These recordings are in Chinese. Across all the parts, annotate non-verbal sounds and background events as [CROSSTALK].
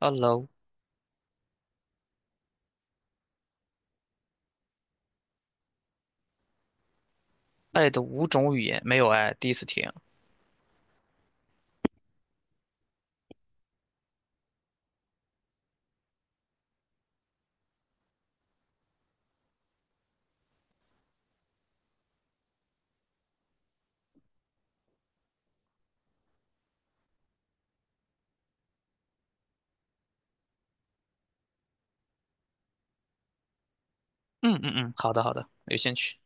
Hello，爱的五种语言没有爱，第一次听。嗯嗯嗯，好的好的，有兴趣。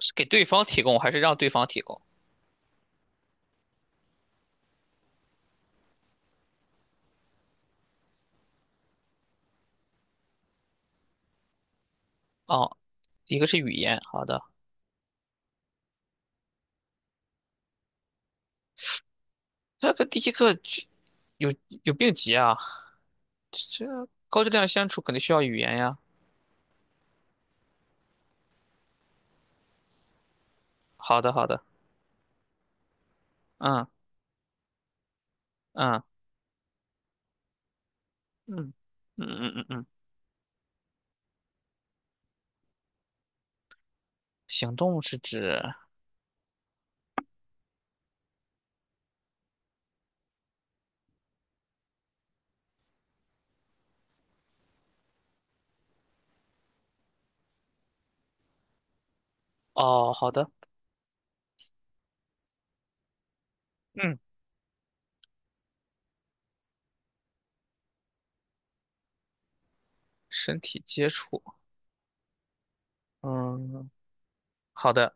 是给对方提供还是让对方提供？哦，一个是语言，好的。这个第一个就有有病急啊，这这高质量相处肯定需要语言呀。好的好的，嗯嗯嗯嗯嗯嗯嗯，行动是指哦，好的，嗯，身体接触，嗯，好的。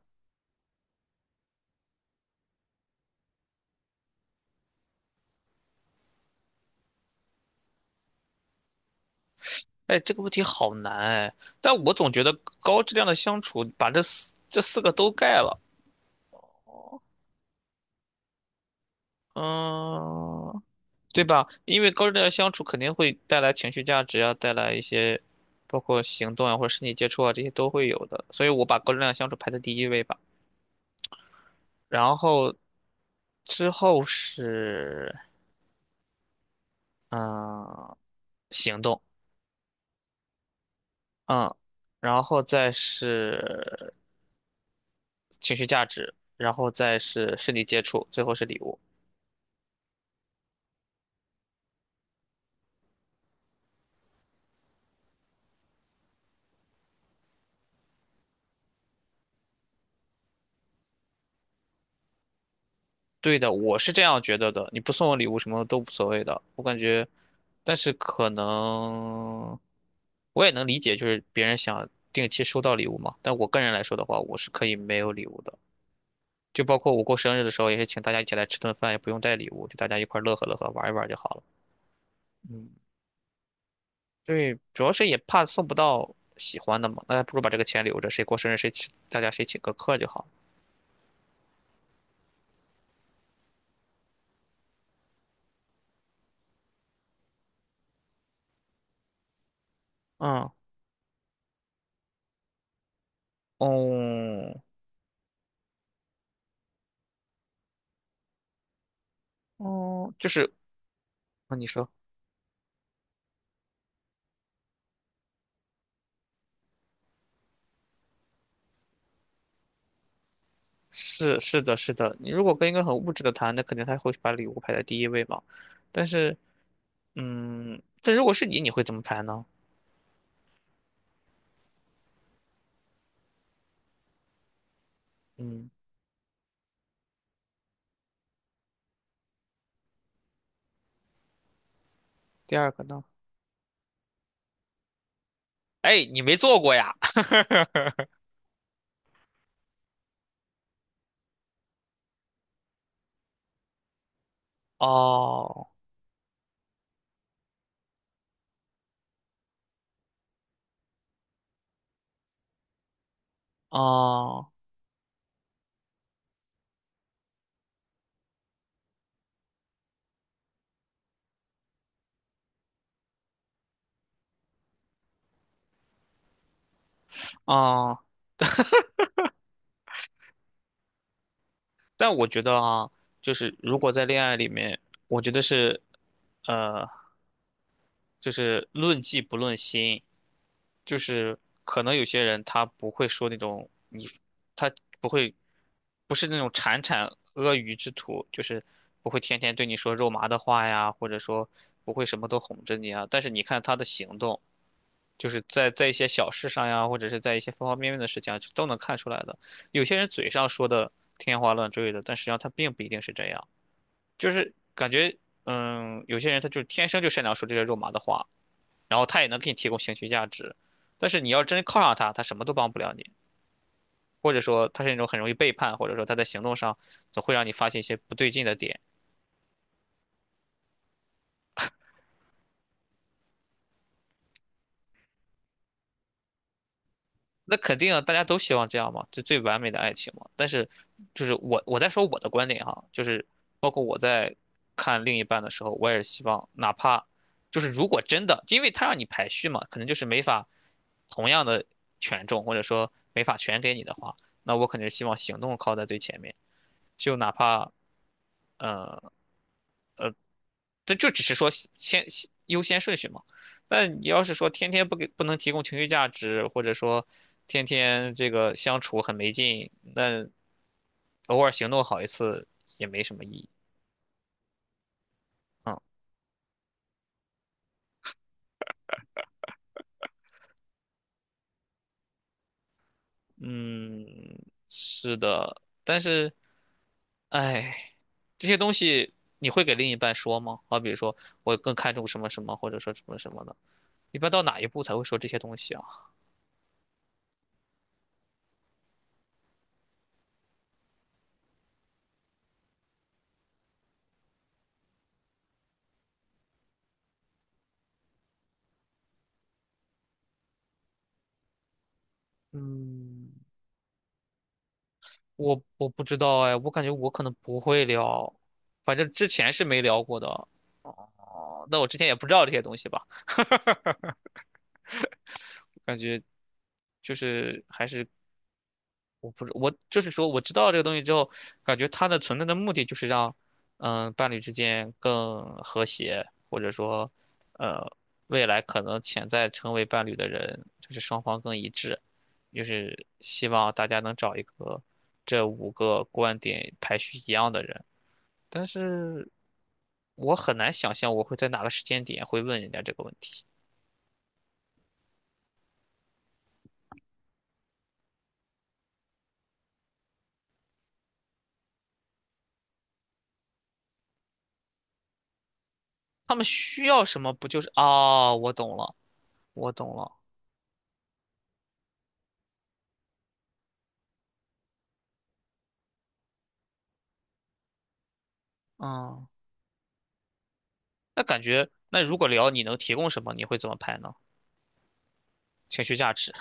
哎，这个问题好难哎，但我总觉得高质量的相处把这四个都盖了，嗯，对吧？因为高质量的相处肯定会带来情绪价值啊，带来一些包括行动啊或者身体接触啊这些都会有的，所以我把高质量的相处排在第一位吧。然后之后是嗯行动，嗯，然后再是情绪价值，然后再是身体接触，最后是礼物。对的，我是这样觉得的。你不送我礼物，什么都无所谓的。我感觉，但是可能我也能理解，就是别人想定期收到礼物嘛。但我个人来说的话，我是可以没有礼物的。就包括我过生日的时候，也是请大家一起来吃顿饭，也不用带礼物，就大家一块儿乐呵乐呵，玩一玩就好了。嗯，对，主要是也怕送不到喜欢的嘛，那还不如把这个钱留着，谁过生日谁请，大家谁请个客就好了。嗯，哦，哦，就是，那你说。是是的，是的。你如果跟一个很物质的谈，那肯定他会把礼物排在第一位嘛。但是，嗯，但如果是你，你会怎么排呢？嗯，第二个呢？哎，你没做过呀？[LAUGHS] 哦，哦，哦。但我觉得啊，就是如果在恋爱里面，我觉得是，呃，就是论迹不论心。就是可能有些人他不会说那种你，他不会不是那种铲铲阿谀之徒，就是不会天天对你说肉麻的话呀，或者说不会什么都哄着你啊。但是你看他的行动，就是在一些小事上呀，或者是在一些方方面面的事情啊，都能看出来的。有些人嘴上说的天花乱坠的，但实际上他并不一定是这样，就是感觉，嗯，有些人他就是天生就擅长说这些肉麻的话，然后他也能给你提供情绪价值，但是你要真靠上他，他什么都帮不了你。或者说他是那种很容易背叛，或者说他在行动上总会让你发现一些不对劲的点。那肯定啊大家都希望这样嘛，这最完美的爱情嘛。但是，就是我在说我的观点哈，就是包括我在看另一半的时候，我也是希望，哪怕就是如果真的，因为他让你排序嘛，可能就是没法同样的权重，或者说没法全给你的话，那我肯定是希望行动靠在最前面，就哪怕嗯、呃这就只是说先优先顺序嘛。但你要是说天天不能提供情绪价值，或者说天天这个相处很没劲，那偶尔行动好一次也没什么意义啊。嗯，是的，但是哎，这些东西你会给另一半说吗？好比如说我更看重什么什么，或者说什么什么的，一般到哪一步才会说这些东西啊？嗯，我不知道哎，我感觉我可能不会聊，反正之前是没聊过的哦。那我之前也不知道这些东西吧，感觉就是还是我不知我就是说我知道这个东西之后，感觉它的存在的目的就是让伴侣之间更和谐，或者说呃未来可能潜在成为伴侣的人，就是双方更一致，就是希望大家能找一个这五个观点排序一样的人。但是我很难想象我会在哪个时间点会问人家这个问题。他们需要什么？不就是啊？我懂了，我懂了。嗯，那感觉，那如果聊你能提供什么，你会怎么拍呢？情绪价值啊、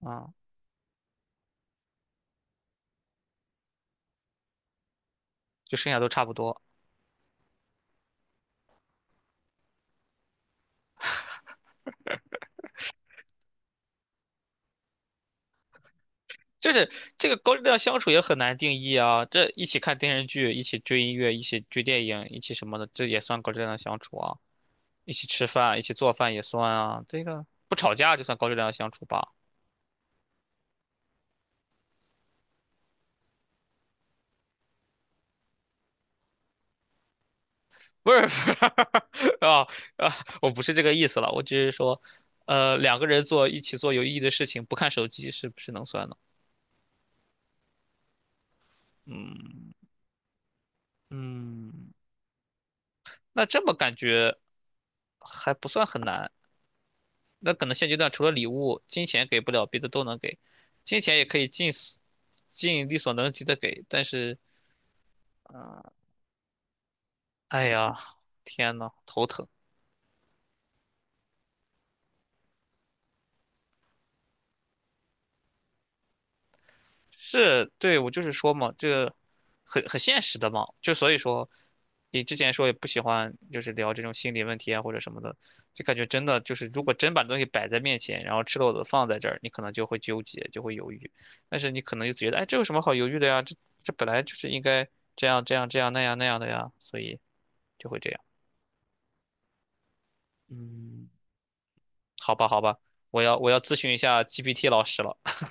嗯就剩下都差不多。就是这个高质量相处也很难定义啊。这一起看电视剧，一起追音乐，一起追电影，一起什么的，这也算高质量相处啊。一起吃饭，一起做饭也算啊。这个不吵架就算高质量相处吧。不是，不是 [LAUGHS] 啊啊，我不是这个意思了，我只是说，两个人一起做有意义的事情，不看手机是不是能算呢？嗯嗯，那这么感觉还不算很难。那可能现阶段除了礼物，金钱给不了，别的都能给，金钱也可以尽力所能及的给，但是，啊，哎呀，天呐，头疼。是，对，我就是说嘛，这个很现实的嘛，就所以说，你之前说也不喜欢，就是聊这种心理问题啊或者什么的，就感觉真的就是，如果真把东西摆在面前，然后赤裸裸的放在这儿，你可能就会纠结，就会犹豫，但是你可能就觉得，哎，这有什么好犹豫的呀？这本来就是应该这样那样的呀，所以就会这样。嗯，好吧，好吧，我要咨询一下 GPT 老师了。[LAUGHS]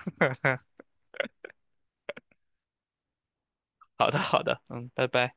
好的，好的，嗯，拜拜。